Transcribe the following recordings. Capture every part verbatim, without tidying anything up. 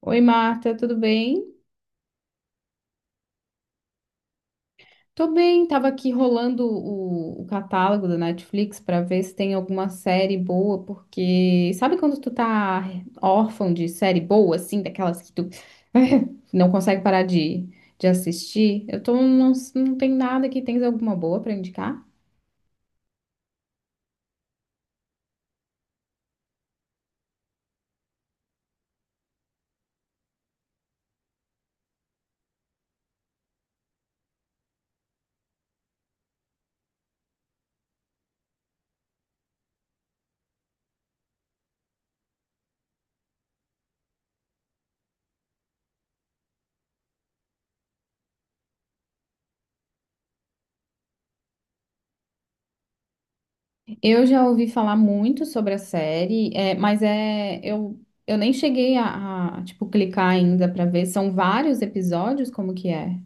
Oi, Marta, tudo bem? Tô bem, tava aqui rolando o, o catálogo da Netflix pra ver se tem alguma série boa, porque sabe quando tu tá órfão de série boa, assim, daquelas que tu não consegue parar de, de assistir? Eu tô, não, não tem nada aqui, tens alguma boa pra indicar? Eu já ouvi falar muito sobre a série, é, mas é, eu, eu nem cheguei a, a, tipo, clicar ainda pra ver, são vários episódios, como que é?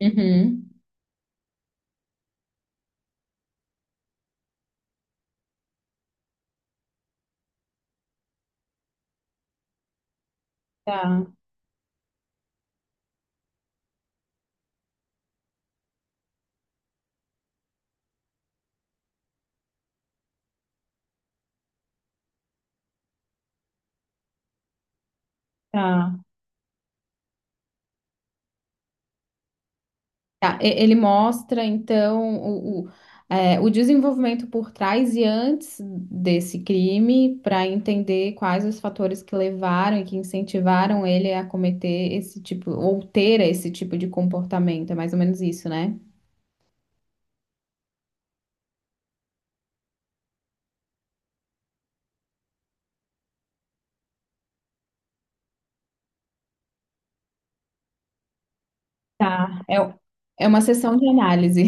Uhum. Tá. Tá. Tá, e- ele mostra, então, o, o, é, o desenvolvimento por trás e antes desse crime, para entender quais os fatores que levaram e que incentivaram ele a cometer esse tipo, ou ter esse tipo de comportamento. É mais ou menos isso, né? Tá. É, é uma sessão de análise.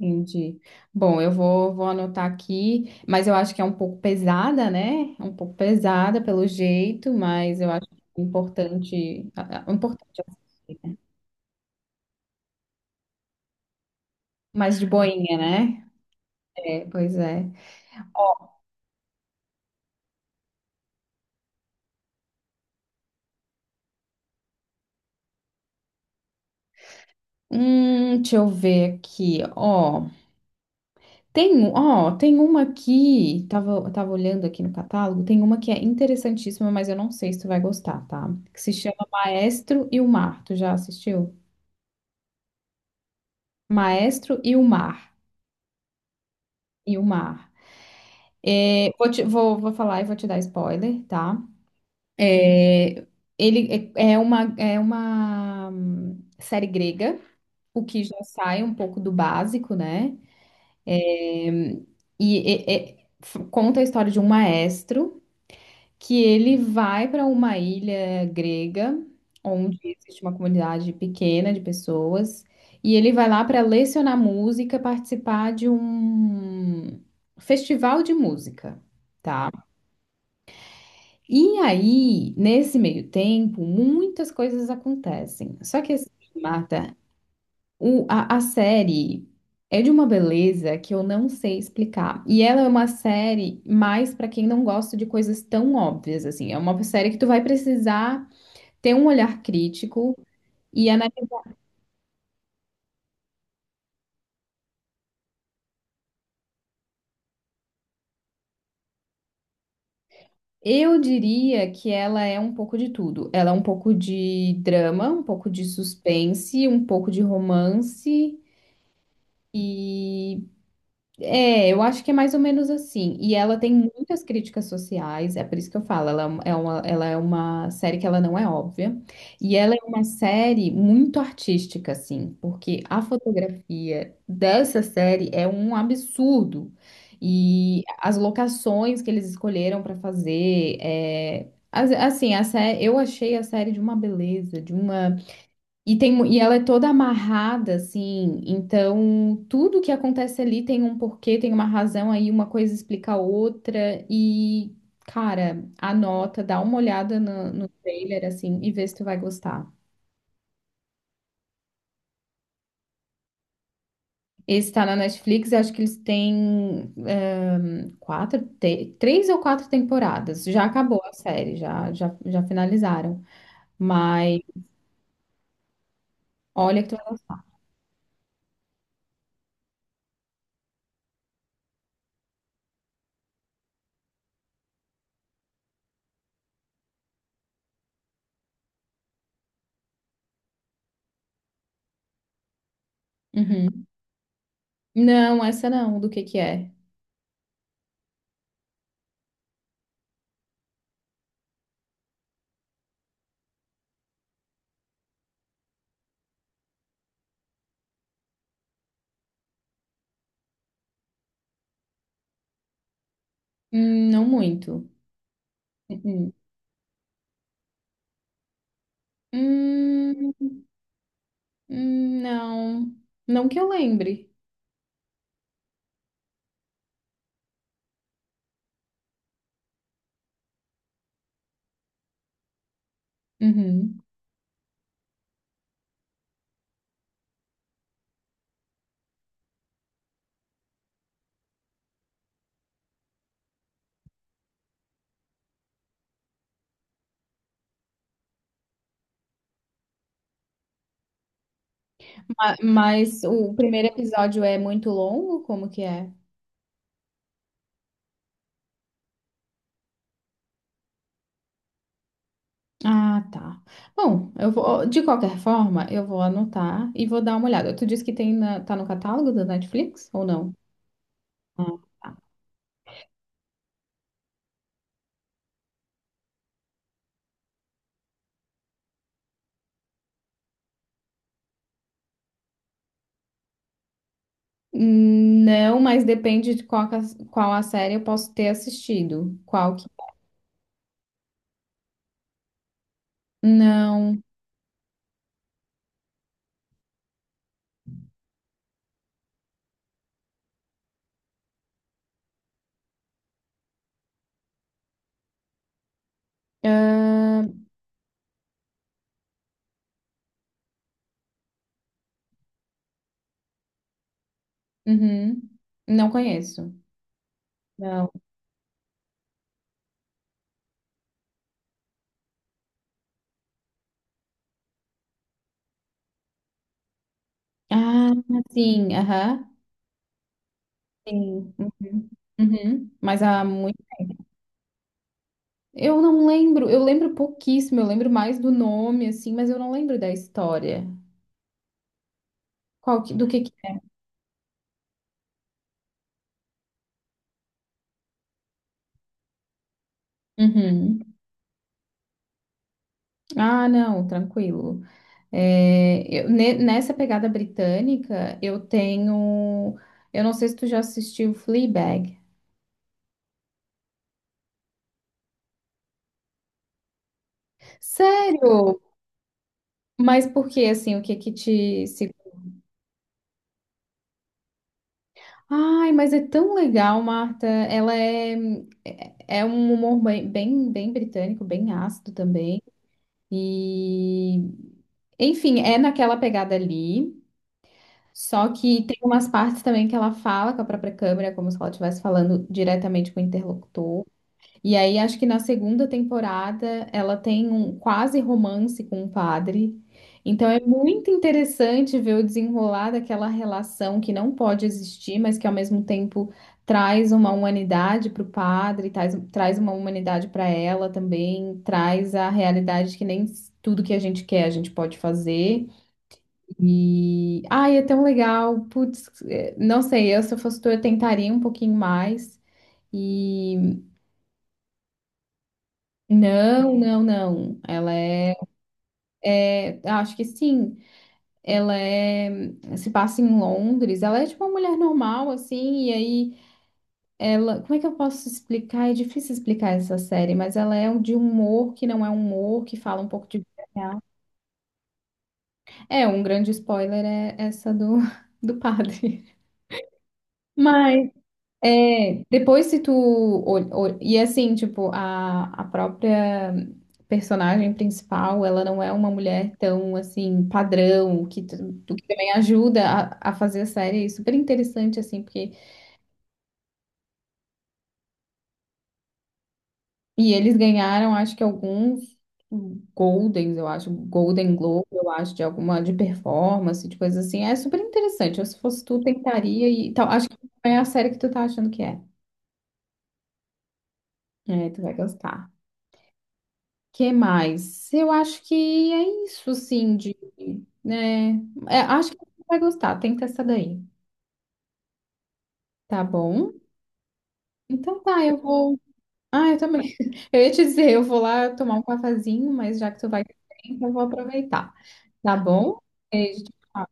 Entendi. Bom, eu vou, vou anotar aqui, mas eu acho que é um pouco pesada, né? É Um pouco pesada pelo jeito, mas eu acho importante, ah, ah, importante assistir, né? Mais de boinha, né? É, pois é. Hum, deixa eu ver aqui, ó. Tem, um- ó, tem uma aqui, tava, tava olhando aqui no catálogo, tem uma que é interessantíssima, mas eu não sei se tu vai gostar, tá? Que se chama Maestro e o Mar. Tu já assistiu? Maestro e o Mar. E o Mar. É, vou, te- vou, vou falar e vou te dar spoiler, tá? É, ele é, é uma, é uma hum, série grega, o que já sai um pouco do básico, né? É, E é- é- f- conta a história de um maestro que ele vai para uma ilha grega, onde existe uma comunidade pequena de pessoas, e ele vai lá para lecionar música, participar de um festival de música, tá? E aí, nesse meio tempo, muitas coisas acontecem. Só que assim, Marta, o- a, a série é de uma beleza que eu não sei explicar. E ela é uma série mais para quem não gosta de coisas tão óbvias assim. É uma série que tu vai precisar ter um olhar crítico e analisar. Eu diria que ela é um pouco de tudo. Ela é um pouco de drama, um pouco de suspense, um pouco de romance. E É, eu acho que é mais ou menos assim. E ela tem muitas críticas sociais, é por isso que eu falo, ela é uma, ela é uma série que ela não é óbvia. E ela é uma série muito artística, assim, porque a fotografia dessa série é um absurdo. E as locações que eles escolheram para fazer, é, as- assim, a sé- eu achei a série de uma beleza, de uma e, tem, mu- e ela é toda amarrada, assim, então tudo que acontece ali tem um porquê, tem uma razão aí, uma coisa explica a outra, e, cara, anota, dá uma olhada no, no trailer, assim, e vê se tu vai gostar. Esse tá na Netflix, eu acho que eles têm ehm, quatro, te- três ou quatro temporadas, já acabou a série, já, já, já finalizaram, mas olha que tu vai gostar. Uhum. Não, essa não, do que que é? Hum, não muito. Uhum. Hum, hum, não, não que eu lembre. Uhum. Ma- Mas, o primeiro episódio é muito longo? Como que é? Ah, tá. Bom, eu vou, de qualquer forma, eu vou anotar e vou dar uma olhada. Tu disse que tem na, tá no catálogo da Netflix ou não? Ah, tá. Hum, Não, mas depende de qual, cas- qual a série eu posso ter assistido. Qual que. Não. Ah, uhum. Não conheço. Não. Ah, sim, aham. Sim. Uhum. Uhum. Mas há muito. Eu não lembro, eu lembro pouquíssimo, eu lembro mais do nome, assim, mas eu não lembro da história. Qual que- do que que. Uhum. Ah, não, tranquilo. É, eu- ne- nessa pegada britânica, eu tenho. Eu não sei se tu já assistiu Fleabag. Sério? Mas por que, assim, o que que te. se- Ai, mas é tão legal, Marta. Ela é. É é um humor bem, bem bem britânico, bem ácido também. E, enfim, é naquela pegada ali. Só que tem umas partes também que ela fala com a própria câmera, como se ela estivesse falando diretamente com o interlocutor. E aí, acho que na segunda temporada ela tem um quase romance com o padre. Então é muito interessante ver o desenrolar daquela relação que não pode existir, mas que ao mesmo tempo traz uma humanidade para o padre, traz, traz uma humanidade para ela também, traz a realidade de que nem tudo que a gente quer a gente pode fazer. E ai, é tão legal. Putz, eh, não sei, eu se eu fosse tu, eu tentaria um pouquinho mais. E Não, não, não. Ela é, acho que sim. Ela é, se passa em Londres. Ela é tipo uma mulher normal, assim. E aí, ela, como é que eu posso explicar? É difícil explicar essa série, mas ela é um, de um humor que não é um humor, que fala um pouco de vida real. É, um grande spoiler é essa do, do padre. Mas É, depois se tu. ol- ol- E assim, tipo, a, a própria personagem principal, ela não é uma mulher tão, assim, padrão, o que, tu- o que também ajuda a, a fazer a série é super interessante, assim, porque. E eles ganharam, acho que alguns Goldens, eu acho, Golden Globe, eu acho, de alguma, de performance, de coisa assim. É super interessante. Eu, se fosse tu, tentaria e tal. Acho que é a série que tu tá achando que é. É, tu vai gostar. Que mais? Eu acho que é isso, assim, de, né? É, acho que você vai gostar. Tenta essa daí, tá bom? Então tá, eu vou. Ah, eu também. Eu ia te dizer, eu vou lá tomar um cafezinho, mas já que tu vai, eu vou aproveitar. Tá bom? Beijo. Tchau.